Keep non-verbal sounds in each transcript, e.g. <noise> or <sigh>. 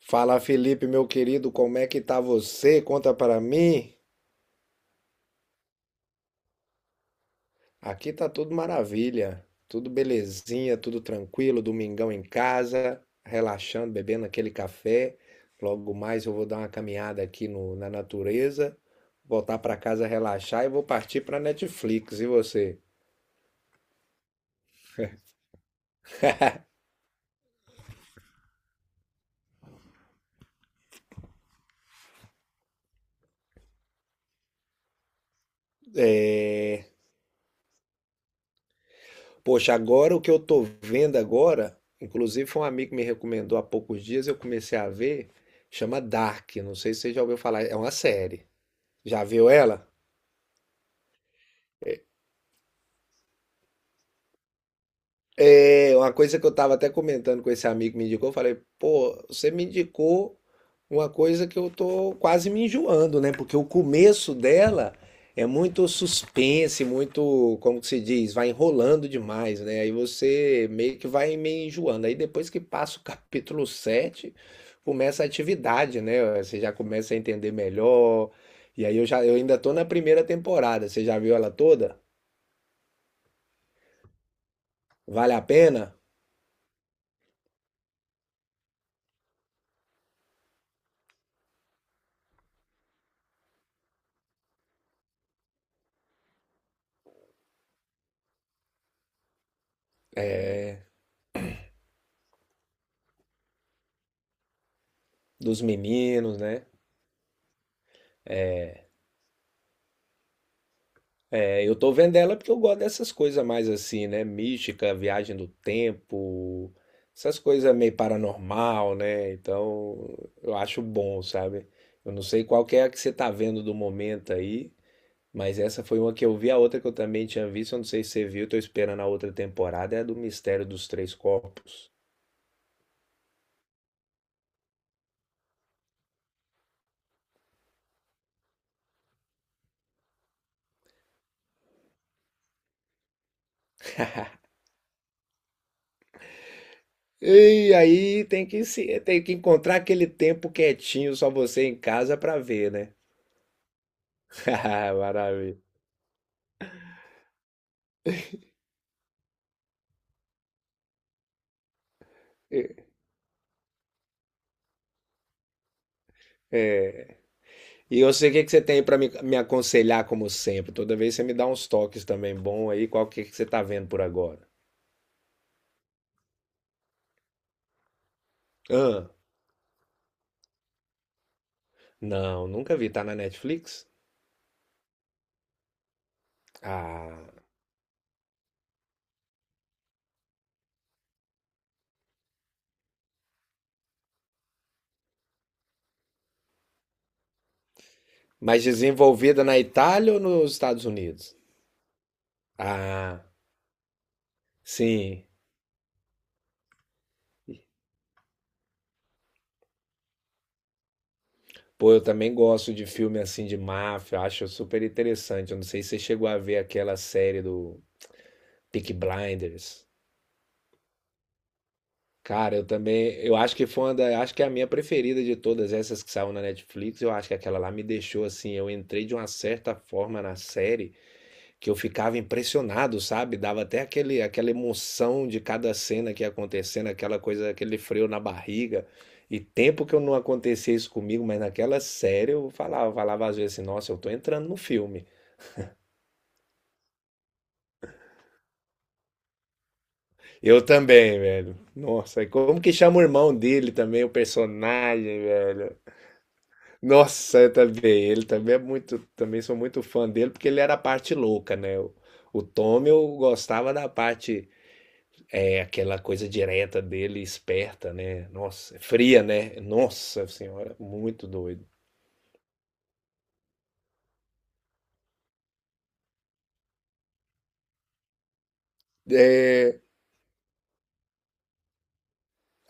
Fala, Felipe, meu querido, como é que tá você? Conta para mim. Aqui tá tudo maravilha, tudo belezinha, tudo tranquilo, domingão em casa, relaxando, bebendo aquele café. Logo mais eu vou dar uma caminhada aqui na natureza, voltar para casa relaxar e vou partir para Netflix. E você? É... Poxa, agora o que eu tô vendo agora, inclusive foi um amigo que me recomendou há poucos dias, eu comecei a ver, chama Dark, não sei se você já ouviu falar, é uma série. Já viu ela? É uma coisa que eu estava até comentando com esse amigo que me indicou. Eu falei, pô, você me indicou uma coisa que eu tô quase me enjoando, né? Porque o começo dela é muito suspense, muito, como que se diz, vai enrolando demais, né? Aí você meio que vai meio enjoando. Aí depois que passa o <laughs> capítulo 7 começa a atividade, né? Você já começa a entender melhor. E aí eu ainda tô na primeira temporada. Você já viu ela toda? Vale a pena? Dos meninos, né? É, eu tô vendo ela porque eu gosto dessas coisas mais assim, né? Mística, viagem do tempo, essas coisas meio paranormal, né? Então eu acho bom, sabe? Eu não sei qual que é a que você tá vendo do momento aí, mas essa foi uma que eu vi, a outra que eu também tinha visto, eu não sei se você viu, tô esperando a outra temporada, é a do Mistério dos Três Corpos. E aí tem que se, tem que encontrar aquele tempo quietinho, só você em casa pra ver, né? <laughs> Maravilha. É. E eu sei o que que você tem aí pra me aconselhar, como sempre. Toda vez você me dá uns toques também bom aí. Que você tá vendo por agora? Ah, não, nunca vi. Tá na Netflix? Ah, mas desenvolvida na Itália ou nos Estados Unidos? Ah, sim. Pô, eu também gosto de filme assim de máfia. Acho super interessante. Eu não sei se você chegou a ver aquela série do Peaky Blinders. Cara, eu também, eu acho que foi acho que é a minha preferida de todas essas que saiu na Netflix. Eu acho que aquela lá me deixou assim, eu entrei de uma certa forma na série que eu ficava impressionado, sabe? Dava até aquela emoção de cada cena que ia acontecendo, aquela coisa, aquele freio na barriga. E tempo que eu não acontecia isso comigo, mas naquela série eu falava, falava às vezes assim, nossa, eu tô entrando no filme. Eu também, velho. Nossa, e como que chama o irmão dele também, o personagem, velho? Nossa, eu também. Ele também é muito, também sou muito fã dele porque ele era a parte louca, né? O Tom eu gostava da parte é aquela coisa direta dele, esperta, né? Nossa, fria, né? Nossa senhora, muito doido. É,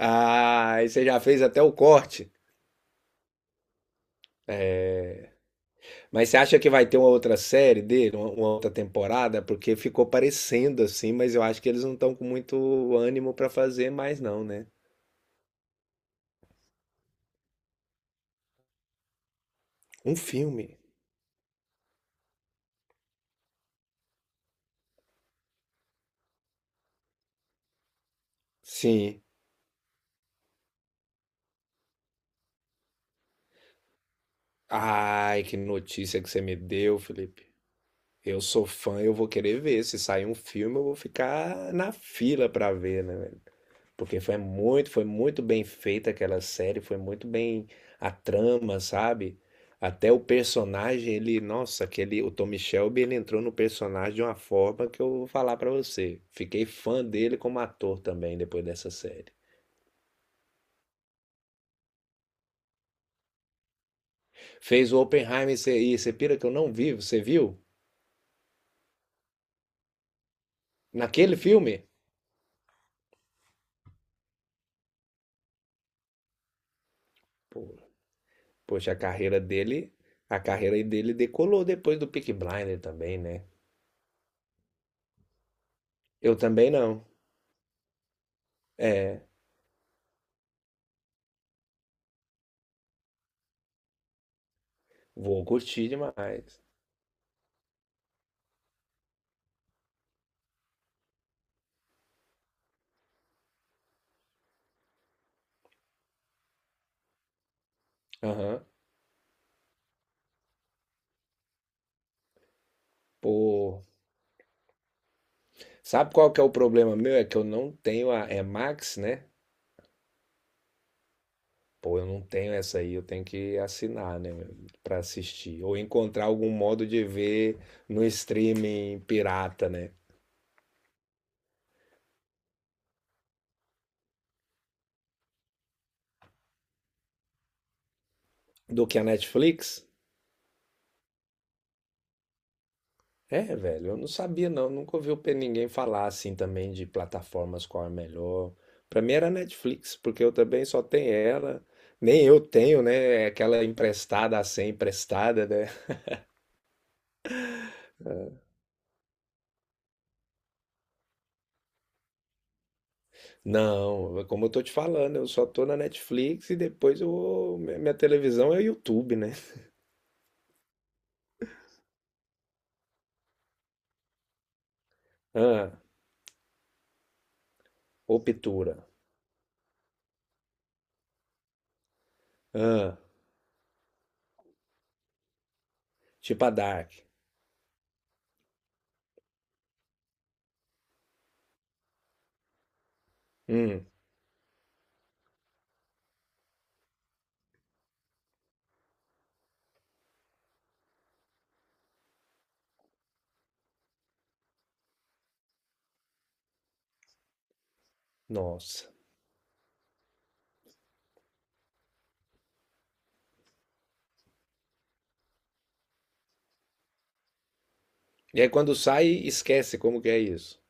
ah, aí você já fez até o corte. É, mas você acha que vai ter uma outra série dele, uma outra temporada? Porque ficou parecendo assim, mas eu acho que eles não estão com muito ânimo pra fazer mais, não, né? Um filme. Sim. Ai, que notícia que você me deu, Felipe. Eu sou fã, eu vou querer ver. Se sair um filme, eu vou ficar na fila pra ver, né, velho? Porque foi muito bem feita aquela série, foi muito bem a trama, sabe? Até o personagem, ele, nossa, aquele, o Tommy Shelby, ele entrou no personagem de uma forma que eu vou falar pra você. Fiquei fã dele como ator também depois dessa série. Fez o Oppenheimer, e você pira que eu não vi, você viu? Naquele filme? Pô, Poxa, a carreira dele decolou depois do Peaky Blinder também, né? Eu também não. É, vou curtir demais. Aham. Pô, sabe qual que é o problema meu? É que eu não tenho a é Max, né? Pô, eu não tenho essa aí, eu tenho que assinar, né, pra assistir ou encontrar algum modo de ver no streaming pirata, né? Do que a Netflix. É, velho, eu não sabia não, nunca ouvi o ninguém falar assim também de plataformas qual é melhor. Pra mim era Netflix, porque eu também só tenho ela. Nem eu tenho, né? É aquela emprestada assim, emprestada, né? <laughs> Não, como eu tô te falando, eu só tô na Netflix e depois minha televisão é o YouTube, né? <laughs> Ah, ou Pitura. Ah, tipo a Dark. Hum, nossa. E aí quando sai, esquece como que é isso.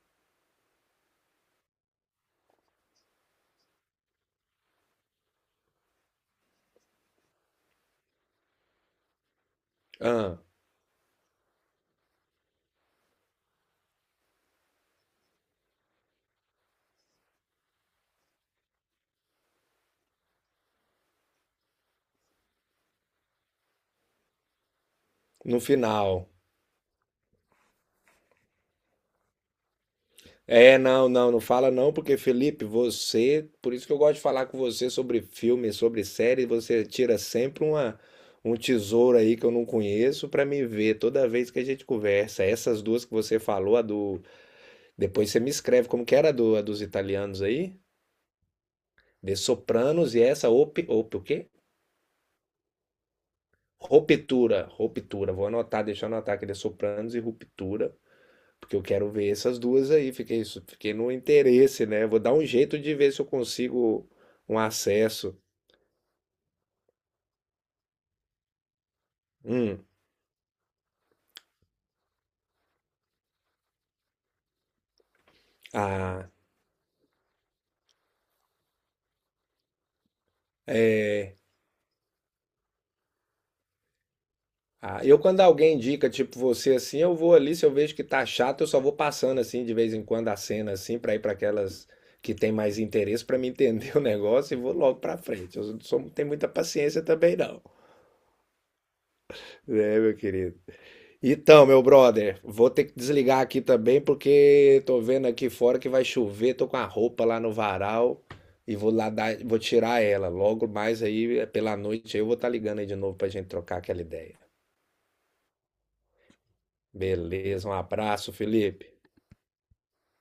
Ah, no final. É, não, não, não fala não, porque, Felipe, você, por isso que eu gosto de falar com você sobre filme, sobre série, você tira sempre um tesouro aí que eu não conheço pra me ver toda vez que a gente conversa. Essas duas que você falou, depois você me escreve como que era a dos italianos aí, de Sopranos e essa o quê? Ruptura, ruptura. Vou anotar, deixa eu anotar aqui, de Sopranos e Ruptura. Porque eu quero ver essas duas aí. Fiquei no interesse, né? Vou dar um jeito de ver se eu consigo um acesso. Hum. Ah, eu quando alguém indica, tipo você assim, eu vou ali, se eu vejo que tá chato, eu só vou passando assim de vez em quando a cena assim pra ir pra aquelas que tem mais interesse pra me entender <laughs> o negócio e vou logo pra frente. Eu não sou, não tenho muita paciência também não. É, meu querido. Então, meu brother, vou ter que desligar aqui também porque tô vendo aqui fora que vai chover, tô com a roupa lá no varal e vou tirar ela. Logo mais aí é pela noite eu vou estar ligando aí de novo pra gente trocar aquela ideia. Beleza, um abraço, Felipe.